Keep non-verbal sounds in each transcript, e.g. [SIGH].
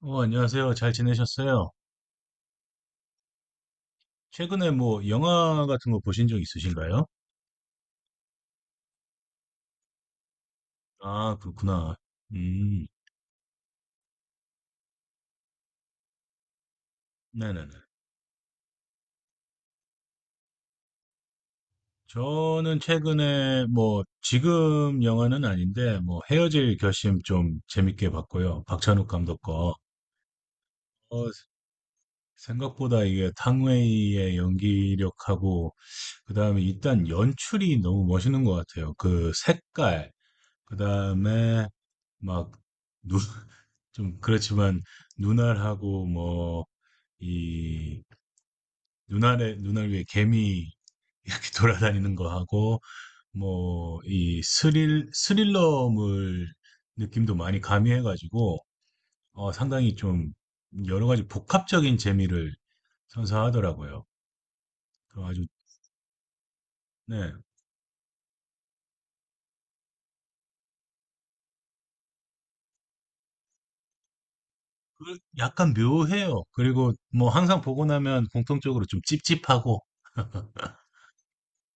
안녕하세요. 잘 지내셨어요? 최근에 뭐 영화 같은 거 보신 적 있으신가요? 아, 그렇구나. 음, 네네네. 저는 최근에 뭐 지금 영화는 아닌데 뭐 헤어질 결심 좀 재밌게 봤고요. 박찬욱 감독 거. 어, 생각보다 이게 탕웨이의 연기력하고 그다음에 일단 연출이 너무 멋있는 것 같아요. 그 색깔, 그다음에 막 눈, [LAUGHS] 좀 그렇지만 눈알하고 뭐 이 눈알에 눈알 위에 개미 [LAUGHS] 이렇게 돌아다니는 거 하고 뭐 이 스릴러물 느낌도 많이 가미해가지고 상당히 좀 여러 가지 복합적인 재미를 선사하더라고요. 그래서 아주 네, 그 약간 묘해요. 그리고 뭐 항상 보고 나면 공통적으로 좀 찝찝하고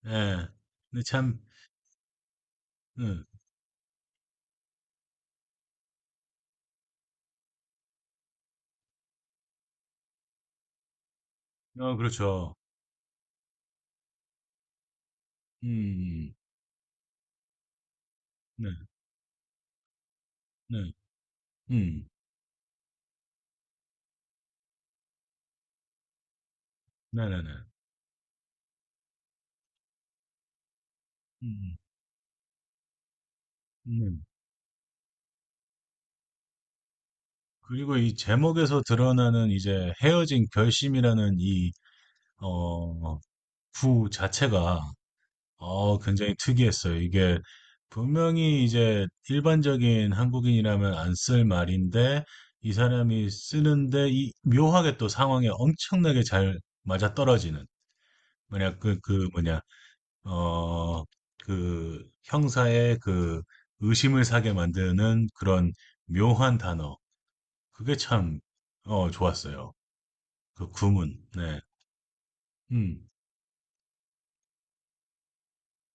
예, 근데 참 음, 어, 그렇죠. 음, 음. 네, 네, 음, 네, 네, 네, 음, 네. 그리고 이 제목에서 드러나는 이제 헤어진 결심이라는 이, 어, 구 자체가, 굉장히 특이했어요. 이게 분명히 이제 일반적인 한국인이라면 안 쓸 말인데, 이 사람이 쓰는데, 이 묘하게 또 상황에 엄청나게 잘 맞아떨어지는, 뭐냐, 그, 뭐냐, 어, 그 형사의 그 의심을 사게 만드는 그런 묘한 단어. 그게 참, 좋았어요. 그 구문. 네. 음.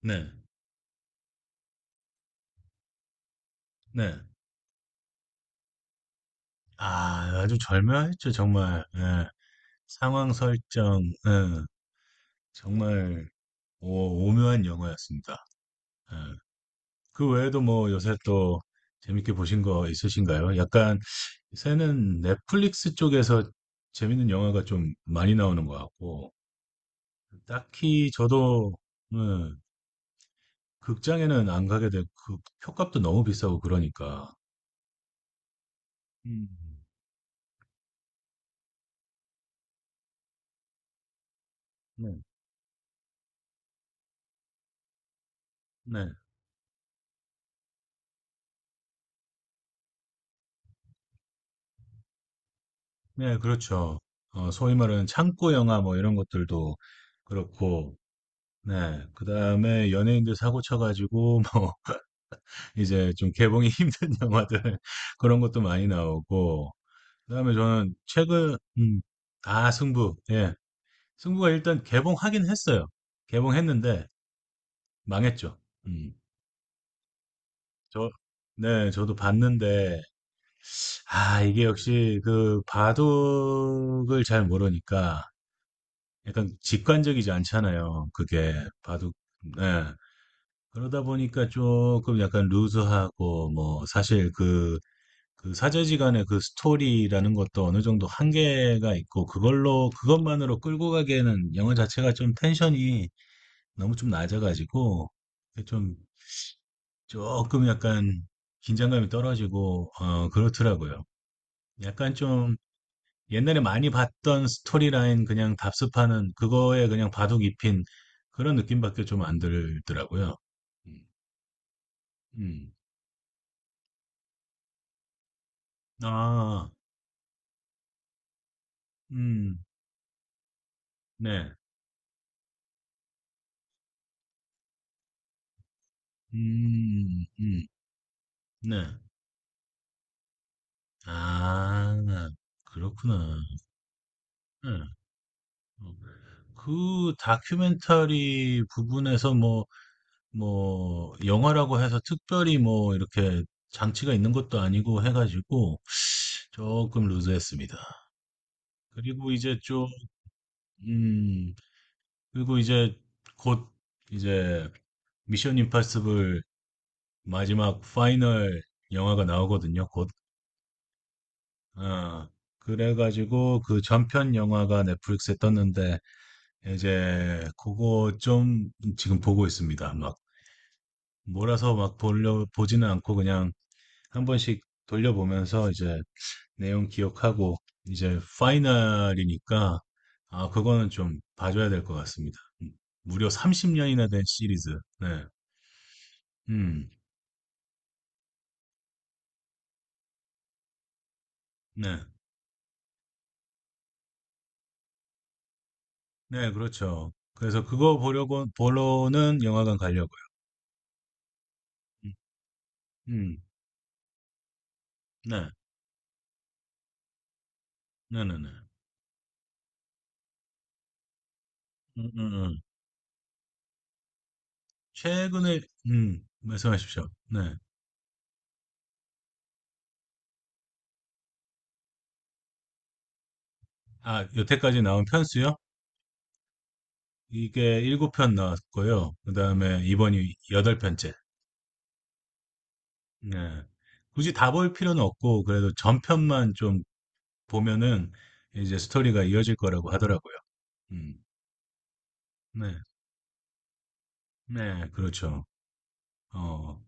네. 네. 아, 아주 절묘했죠 정말. 예. 상황 설정 예. 정말 오 오묘한 영화였습니다. 예. 그 외에도 뭐 요새 또 재밌게 보신 거 있으신가요? 약간 요새는 넷플릭스 쪽에서 재밌는 영화가 좀 많이 나오는 것 같고 딱히 저도 예. 극장에는 안 가게 되고 그 표값도 너무 비싸고 그러니까. 음. 네. 네. 네, 그렇죠. 소위 말하는 창고 영화 뭐 이런 것들도 그렇고, 네. 그 다음에 연예인들 사고 쳐가지고, [LAUGHS] 뭐, 이제 좀 개봉이 [LAUGHS] 힘든 영화들, 그런 것도 많이 나오고, 그 다음에 저는 최근, 아, 승부. 예. 승부가 일단 개봉하긴 했어요. 개봉했는데, 망했죠. 음, 저, 네, 저도 봤는데, 아, 이게 역시 그 바둑을 잘 모르니까, 약간 직관적이지 않잖아요. 그게 바둑, 네. 그러다 보니까 조금 약간 루즈하고, 뭐, 사실 그, 그 사제지간의 그 스토리라는 것도 어느 정도 한계가 있고, 그걸로, 그것만으로 끌고 가기에는 영화 자체가 좀 텐션이 너무 좀 낮아가지고, 좀, 조금 약간 긴장감이 떨어지고, 그렇더라고요. 약간 좀, 옛날에 많이 봤던 스토리라인 그냥 답습하는 그거에 그냥 바둑 입힌 그런 느낌밖에 좀 안 들더라고요. 음, 음. 아, 음, 네, 음, 음, 네. 아, 그렇구나. 네. 어, 그 다큐멘터리 부분에서 뭐, 영화라고 해서 특별히 뭐, 이렇게 장치가 있는 것도 아니고 해가지고 조금 루즈했습니다. 그리고 이제 좀, 음, 그리고 이제 곧 이제 미션 임파서블 마지막 파이널 영화가 나오거든요. 곧. 어, 그래가지고 그 전편 영화가 넷플릭스에 떴는데 이제 그거 좀 지금 보고 있습니다. 막 몰아서 막 돌려 보지는 않고 그냥 한 번씩 돌려보면서 이제 내용 기억하고 이제 파이널이니까 아, 그거는 좀 봐줘야 될 것 같습니다. 무려 30년이나 된 시리즈. 네. 음. 네. 네, 그렇죠. 그래서 그거 보려고, 보러는 영화관 가려고요. 음, 음, 네, 네네네. 음, 음, 음. 최근에, 말씀하십시오. 네. 아, 여태까지 나온 편수요? 이게 7편 나왔고요. 그 다음에 이번이 8편째. 네. 굳이 다 볼 필요는 없고, 그래도 전편만 좀 보면은 이제 스토리가 이어질 거라고 하더라고요. 음, 네, 네, 그렇죠. 어,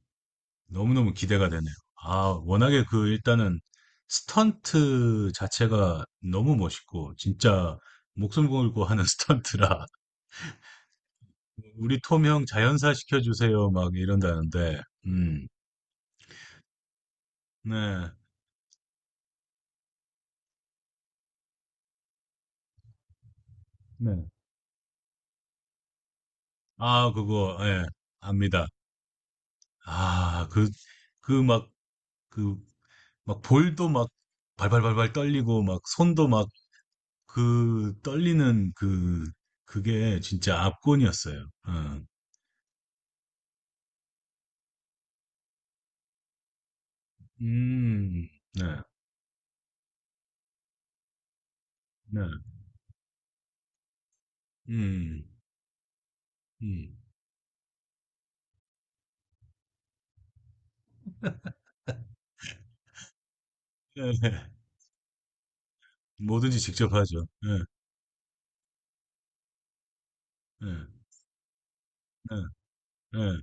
너무너무 기대가 되네요. 아, 워낙에 그 일단은 스턴트 자체가 너무 멋있고 진짜 목숨 걸고 하는 [LAUGHS] 스턴트라 우리 톰 형 자연사 시켜주세요 막 이런다는데 음, 네, 네. 아, 그거 예, 압니다. 아, 그 막, 그, 막 볼도 막 발발발발 떨리고 막 손도 막 그 떨리는 그게 진짜 압권이었어요. 어. 음, 네. 네. 음. 음. 예. 예. 뭐든지 직접 하죠. 예. 예. 예. 예.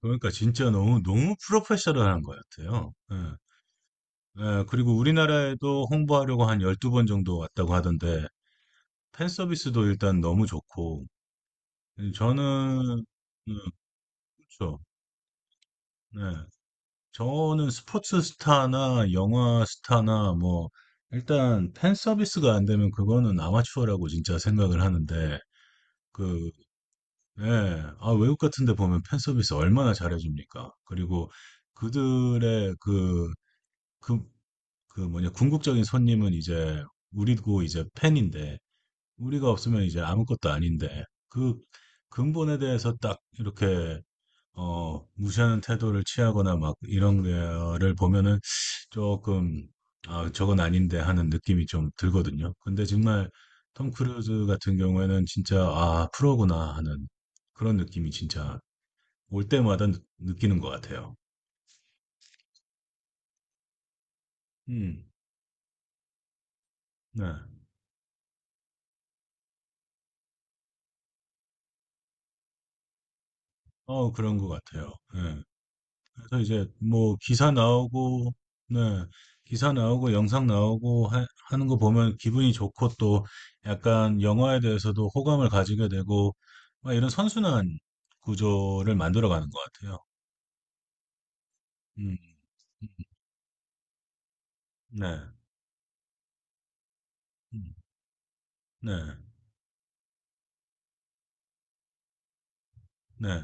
그러니까 진짜 너무 너무 프로페셔널한 것 같아요. 예. 예. 그리고 우리나라에도 홍보하려고 한 12번 정도 왔다고 하던데 팬 서비스도 일단 너무 좋고 예, 저는 예, 그렇죠. 네. 저는 스포츠 스타나 영화 스타나 뭐 일단 팬 서비스가 안 되면 그거는 아마추어라고 진짜 생각을 하는데 그 예. 아, 외국 같은 데 보면 팬 서비스 얼마나 잘해줍니까? 그리고 그들의 그, 그 뭐냐, 궁극적인 손님은 이제 우리고 이제 팬인데, 우리가 없으면 이제 아무것도 아닌데, 그 근본에 대해서 딱 이렇게 무시하는 태도를 취하거나 막 이런 거를 보면은 조금, 아, 저건 아닌데 하는 느낌이 좀 들거든요. 근데 정말 톰 크루즈 같은 경우에는 진짜, 아, 프로구나 하는 그런 느낌이 진짜 올 때마다 끼는것 같아요. 음, 네. 그런 것 같아요. 예. 그래서 이제 뭐 기사 나오고, 네, 기사 나오고 영상 나오고 하, 는거 보면 기분이 좋고 또 약간 영화에 대해서도 호감을 가지게 되고 막 이런 선순환 구조를 만들어가는 것 같아요. 음, 음, 네, 음, 네, 네,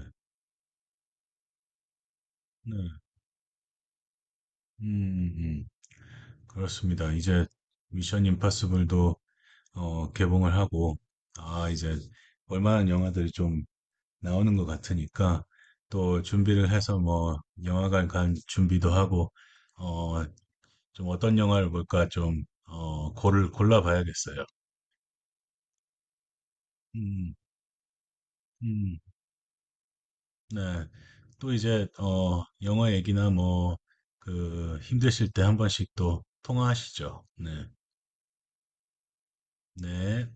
네, 음, 음. 그렇습니다. 이제 미션 임파서블도 개봉을 하고 아, 이제 얼마나 영화들이 좀 나오는 것 같으니까 또 준비를 해서 뭐 영화관 간 준비도 하고 어 좀 어떤 영화를 볼까 좀 고를 골라 봐야겠어요. 음, 음, 네. 또 이제 영화 얘기나 뭐 그 힘드실 때 한 번씩 또 통화하시죠. 네, 네.